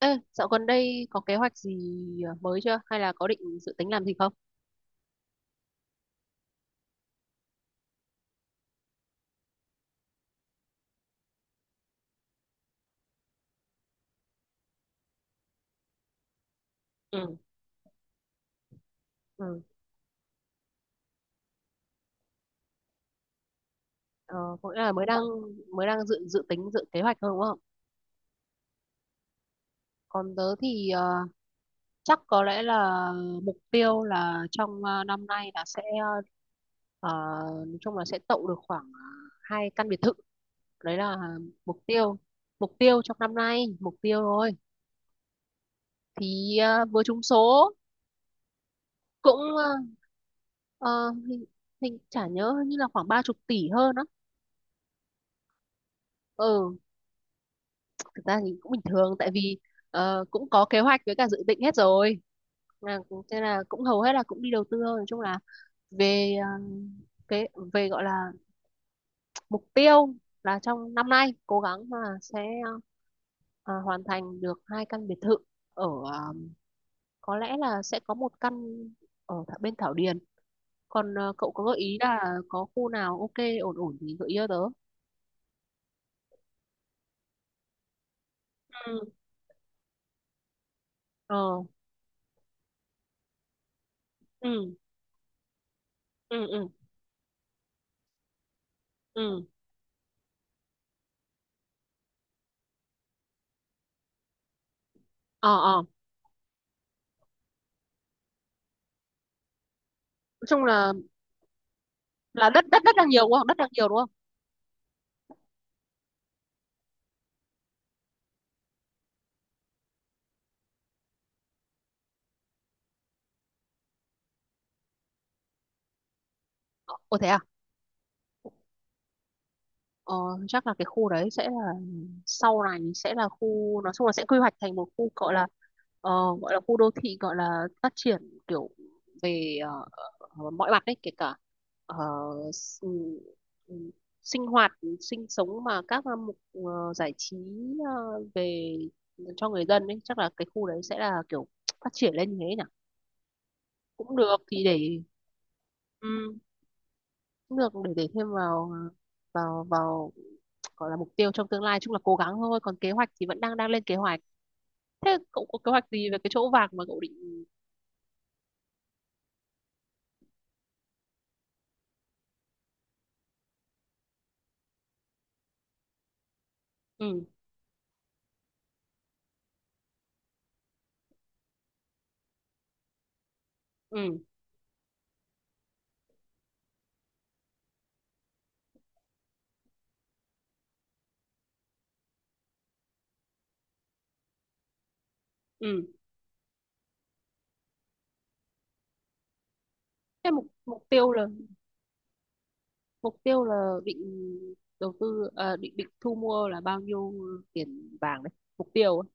Ê, dạo gần đây có kế hoạch gì mới chưa? Hay là có định dự tính làm gì không? Ừ, ừ. Ờ, có nghĩa là mới đang dự dự tính dự kế hoạch thôi đúng không? Còn tớ thì chắc có lẽ là mục tiêu là trong năm nay là sẽ ờ, nói chung là sẽ tậu được khoảng hai căn biệt thự. Đấy là mục tiêu mục tiêu trong năm nay, mục tiêu thôi. Thì vừa trúng số, cũng ờ, hình, hình chả nhớ như là khoảng ba chục tỷ hơn á. Ừ, thực ra thì cũng bình thường, tại vì cũng có kế hoạch với cả dự định hết rồi, là thế là cũng hầu hết là cũng đi đầu tư thôi, nói chung là về cái về gọi là mục tiêu là trong năm nay cố gắng là sẽ ờ, hoàn thành được hai căn biệt thự ở ờ, có lẽ là sẽ có một căn ở bên Thảo Điền, còn cậu có gợi ý là có khu nào ok, ổn ổn thì gợi ý cho tớ. Ừ. ờ ừ ừ ừ ừ ờ ờ nói chung là đất đất đất đang nhiều đúng không, đất đang nhiều đúng không? Ồ, thế à? ờ, chắc là cái khu đấy sẽ là sau này sẽ là khu, nói chung là sẽ quy hoạch thành một khu gọi là ờ, gọi là khu đô thị, gọi là phát triển kiểu về mọi mặt đấy, kể cả ờ, s- ừm, sinh hoạt sinh sống mà các hạng mục giải trí ờ, về cho người dân ấy, chắc là cái khu đấy sẽ là kiểu phát triển lên như thế nhỉ. Cũng được thì để ừ, cũng được để thêm vào vào vào gọi là mục tiêu trong tương lai, chung là cố gắng thôi, còn kế hoạch thì vẫn đang đang lên kế hoạch. Thế cậu có kế hoạch gì về cái chỗ vàng mà cậu định? ừ ừ ừ Thế mục mục tiêu là, mục tiêu là định đầu tư à, định định thu mua là bao nhiêu tiền vàng đấy, mục tiêu ấy.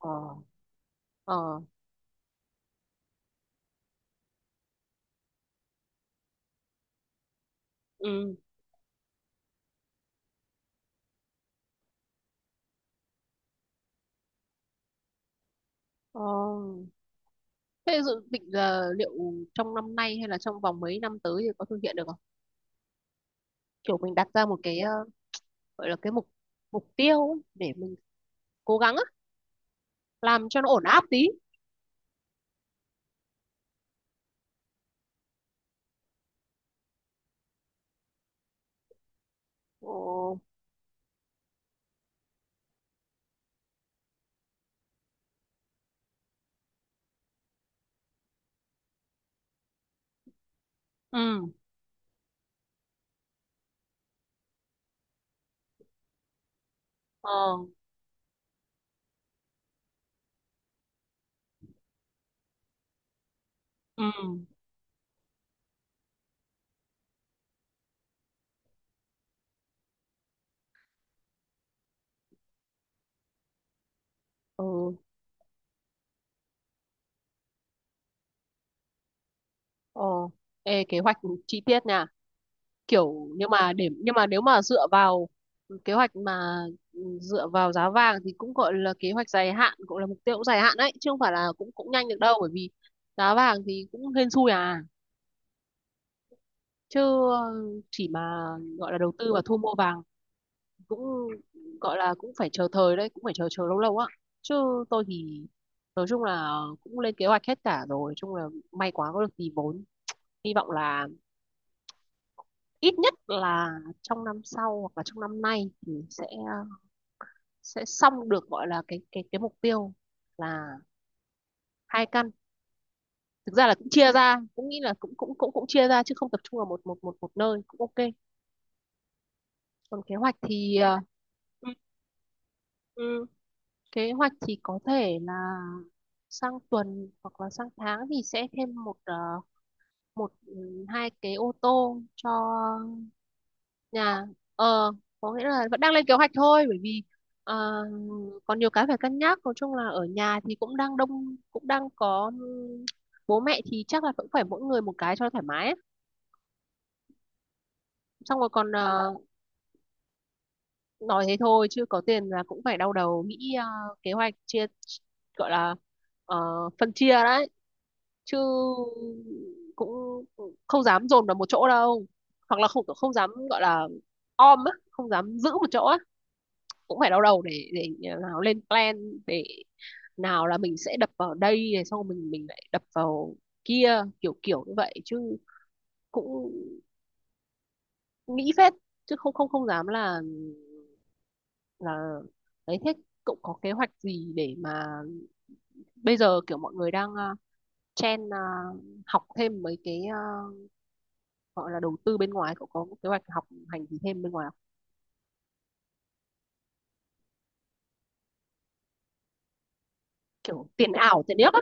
ờ ờ ừ ờ Thế dự định là liệu trong năm nay hay là trong vòng mấy năm tới thì có thực hiện được không, kiểu mình đặt ra một cái gọi là cái mục mục tiêu ấy, để mình cố gắng á, làm cho nó ổn áp tí. ờ, ừ ờ ừ ừ ờ Ê, kế hoạch chi tiết nha, kiểu nhưng mà để nhưng mà nếu mà dựa vào kế hoạch mà ừ, dựa vào giá vàng thì cũng gọi là kế hoạch dài hạn, cũng là mục tiêu cũng dài hạn đấy, chứ không phải là cũng cũng nhanh được đâu, bởi vì giá vàng thì cũng hên xui à, chứ chỉ mà gọi là đầu tư và thu mua vàng cũng gọi là cũng phải chờ thời đấy, cũng phải chờ chờ lâu lâu á. Chứ tôi thì nói chung là cũng lên kế hoạch hết cả rồi, chung là may quá có được tí vốn, hy vọng là ít nhất là trong năm sau hoặc là trong năm nay thì sẽ xong được gọi là cái mục tiêu là hai căn. Thực ra là cũng chia ra, cũng nghĩ là cũng cũng cũng cũng chia ra chứ không tập trung vào một một một một nơi cũng ok. Còn kế hoạch thì ừ, ừ. kế hoạch thì có thể là sang tuần hoặc là sang tháng thì sẽ thêm một ờ, một ừ, hai cái ô tô cho nhà. ờ có nghĩa là vẫn đang lên kế hoạch thôi, bởi vì ờ, còn nhiều cái phải cân nhắc, nói chung là ở nhà thì cũng đang đông, cũng đang có bố mẹ thì chắc là cũng phải mỗi người một cái cho thoải mái ấy. Xong rồi còn nói thế thôi chứ có tiền là cũng phải đau đầu nghĩ kế hoạch chia, gọi là ờ, phân chia đấy, chứ cũng không dám dồn vào một chỗ đâu, hoặc là không không dám gọi là om á, không dám giữ một chỗ á, cũng phải đau đầu để à, nào lên plan để nào là mình sẽ đập vào đây rồi xong mình lại đập vào kia, kiểu kiểu như vậy chứ cũng nghĩ phết, chứ không không không dám là đấy. Thế cậu có kế hoạch gì để mà bây giờ kiểu mọi người đang chen học thêm mấy cái gọi là đầu tư bên ngoài, cậu có kế hoạch học hành gì thêm bên ngoài không? Kiểu tiền ảo tiền điếc á?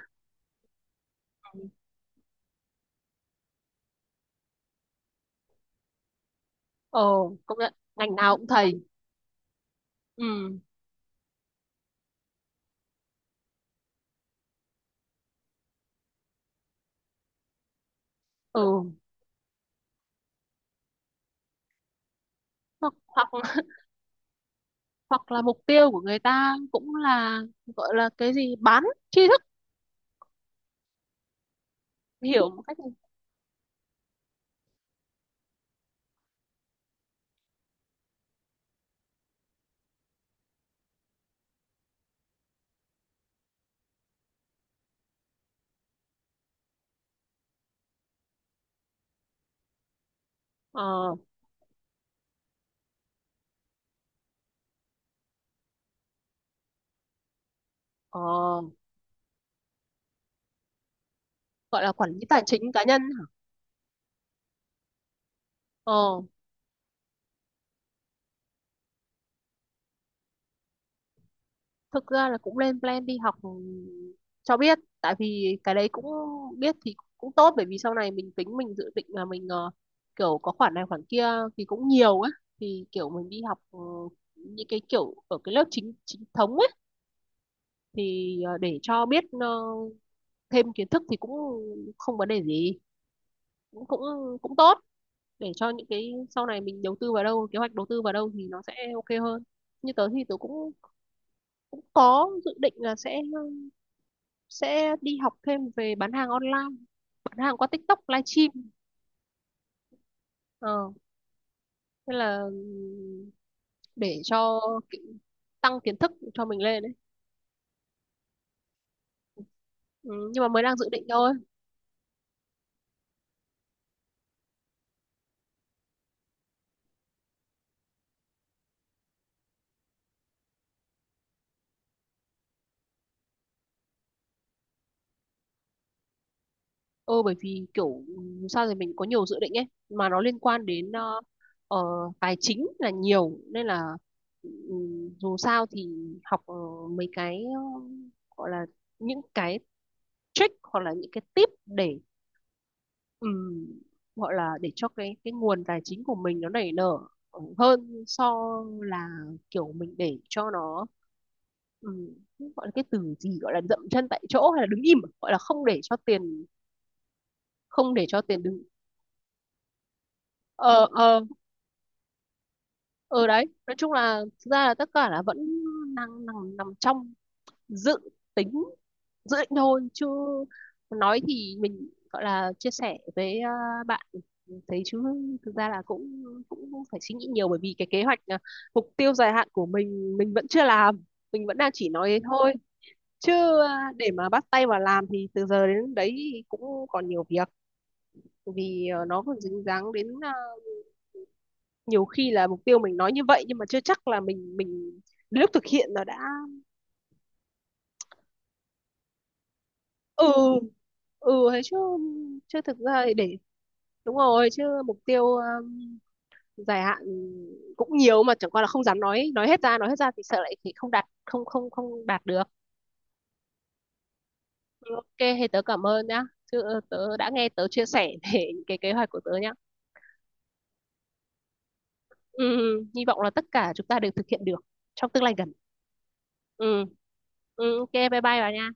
Ờ, công nhận ngành nào cũng thầy. Ừ, ừ, hoặc hoặc hoặc là mục tiêu của người ta cũng là gọi là cái gì bán tri thức, hiểu một cách, ờ ờ, gọi là quản lý tài chính cá nhân hả? Ờ, thực ra là cũng lên plan đi học cho biết, tại vì cái đấy cũng biết thì cũng tốt, bởi vì sau này mình tính mình dự định là mình kiểu có khoản này khoản kia thì cũng nhiều á, thì kiểu mình đi học những cái kiểu ở cái lớp chính chính thống ấy thì để cho biết thêm kiến thức thì cũng không vấn đề gì, cũng cũng cũng tốt để cho những cái sau này mình đầu tư vào đâu, kế hoạch đầu tư vào đâu thì nó sẽ ok hơn. Như tớ thì tớ cũng cũng có dự định là sẽ đi học thêm về bán hàng online, bán hàng qua TikTok livestream. ờ Thế là để cho ki- tăng kiến thức cho mình lên đấy. Ừ, nhưng mà mới đang dự định thôi. Ừ, bởi vì kiểu sao thì mình có nhiều dự định ấy mà nó liên quan đến ờ, tài chính là nhiều nên là dù sao thì học mấy cái gọi là những cái trick hoặc là những cái tip để ừm, gọi là để cho cái nguồn tài chính của mình nó nảy nở hơn, so là kiểu mình để cho nó ừm, gọi là, cái từ gì gọi là dậm chân tại chỗ hay là đứng im à? Gọi là không để cho tiền, không để cho tiền đứng. ờ ờ ờ đấy, nói chung là thực ra là tất cả là vẫn đang nằm nằm trong dự tính dự định thôi, chứ nói thì mình gọi là chia sẻ với à, bạn thấy chứ thực ra là cũng cũng phải suy nghĩ nhiều, bởi vì cái kế hoạch à, mục tiêu dài hạn của mình vẫn chưa làm, mình vẫn đang chỉ nói thế thôi chứ à, để mà bắt tay vào làm thì từ giờ đến đấy thì cũng còn nhiều việc, vì à, nó còn dính dáng đến à, nhiều khi là mục tiêu mình nói như vậy nhưng mà chưa chắc là mình đến lúc thực hiện nó đã. Ừ, ừ thế chứ, chứ thực ra thì để đúng rồi, chứ mục tiêu dài hạn cũng nhiều mà chẳng qua là không dám nói, nói hết ra thì sợ lại thì không đạt được. Ừ, ok thế tớ cảm ơn nhá, chứ tớ đã nghe tớ chia sẻ về những cái kế hoạch của tớ nhá. Ừ, hy vọng là tất cả chúng ta đều thực hiện được trong tương lai gần. ừ, ok, bye bye bà nha.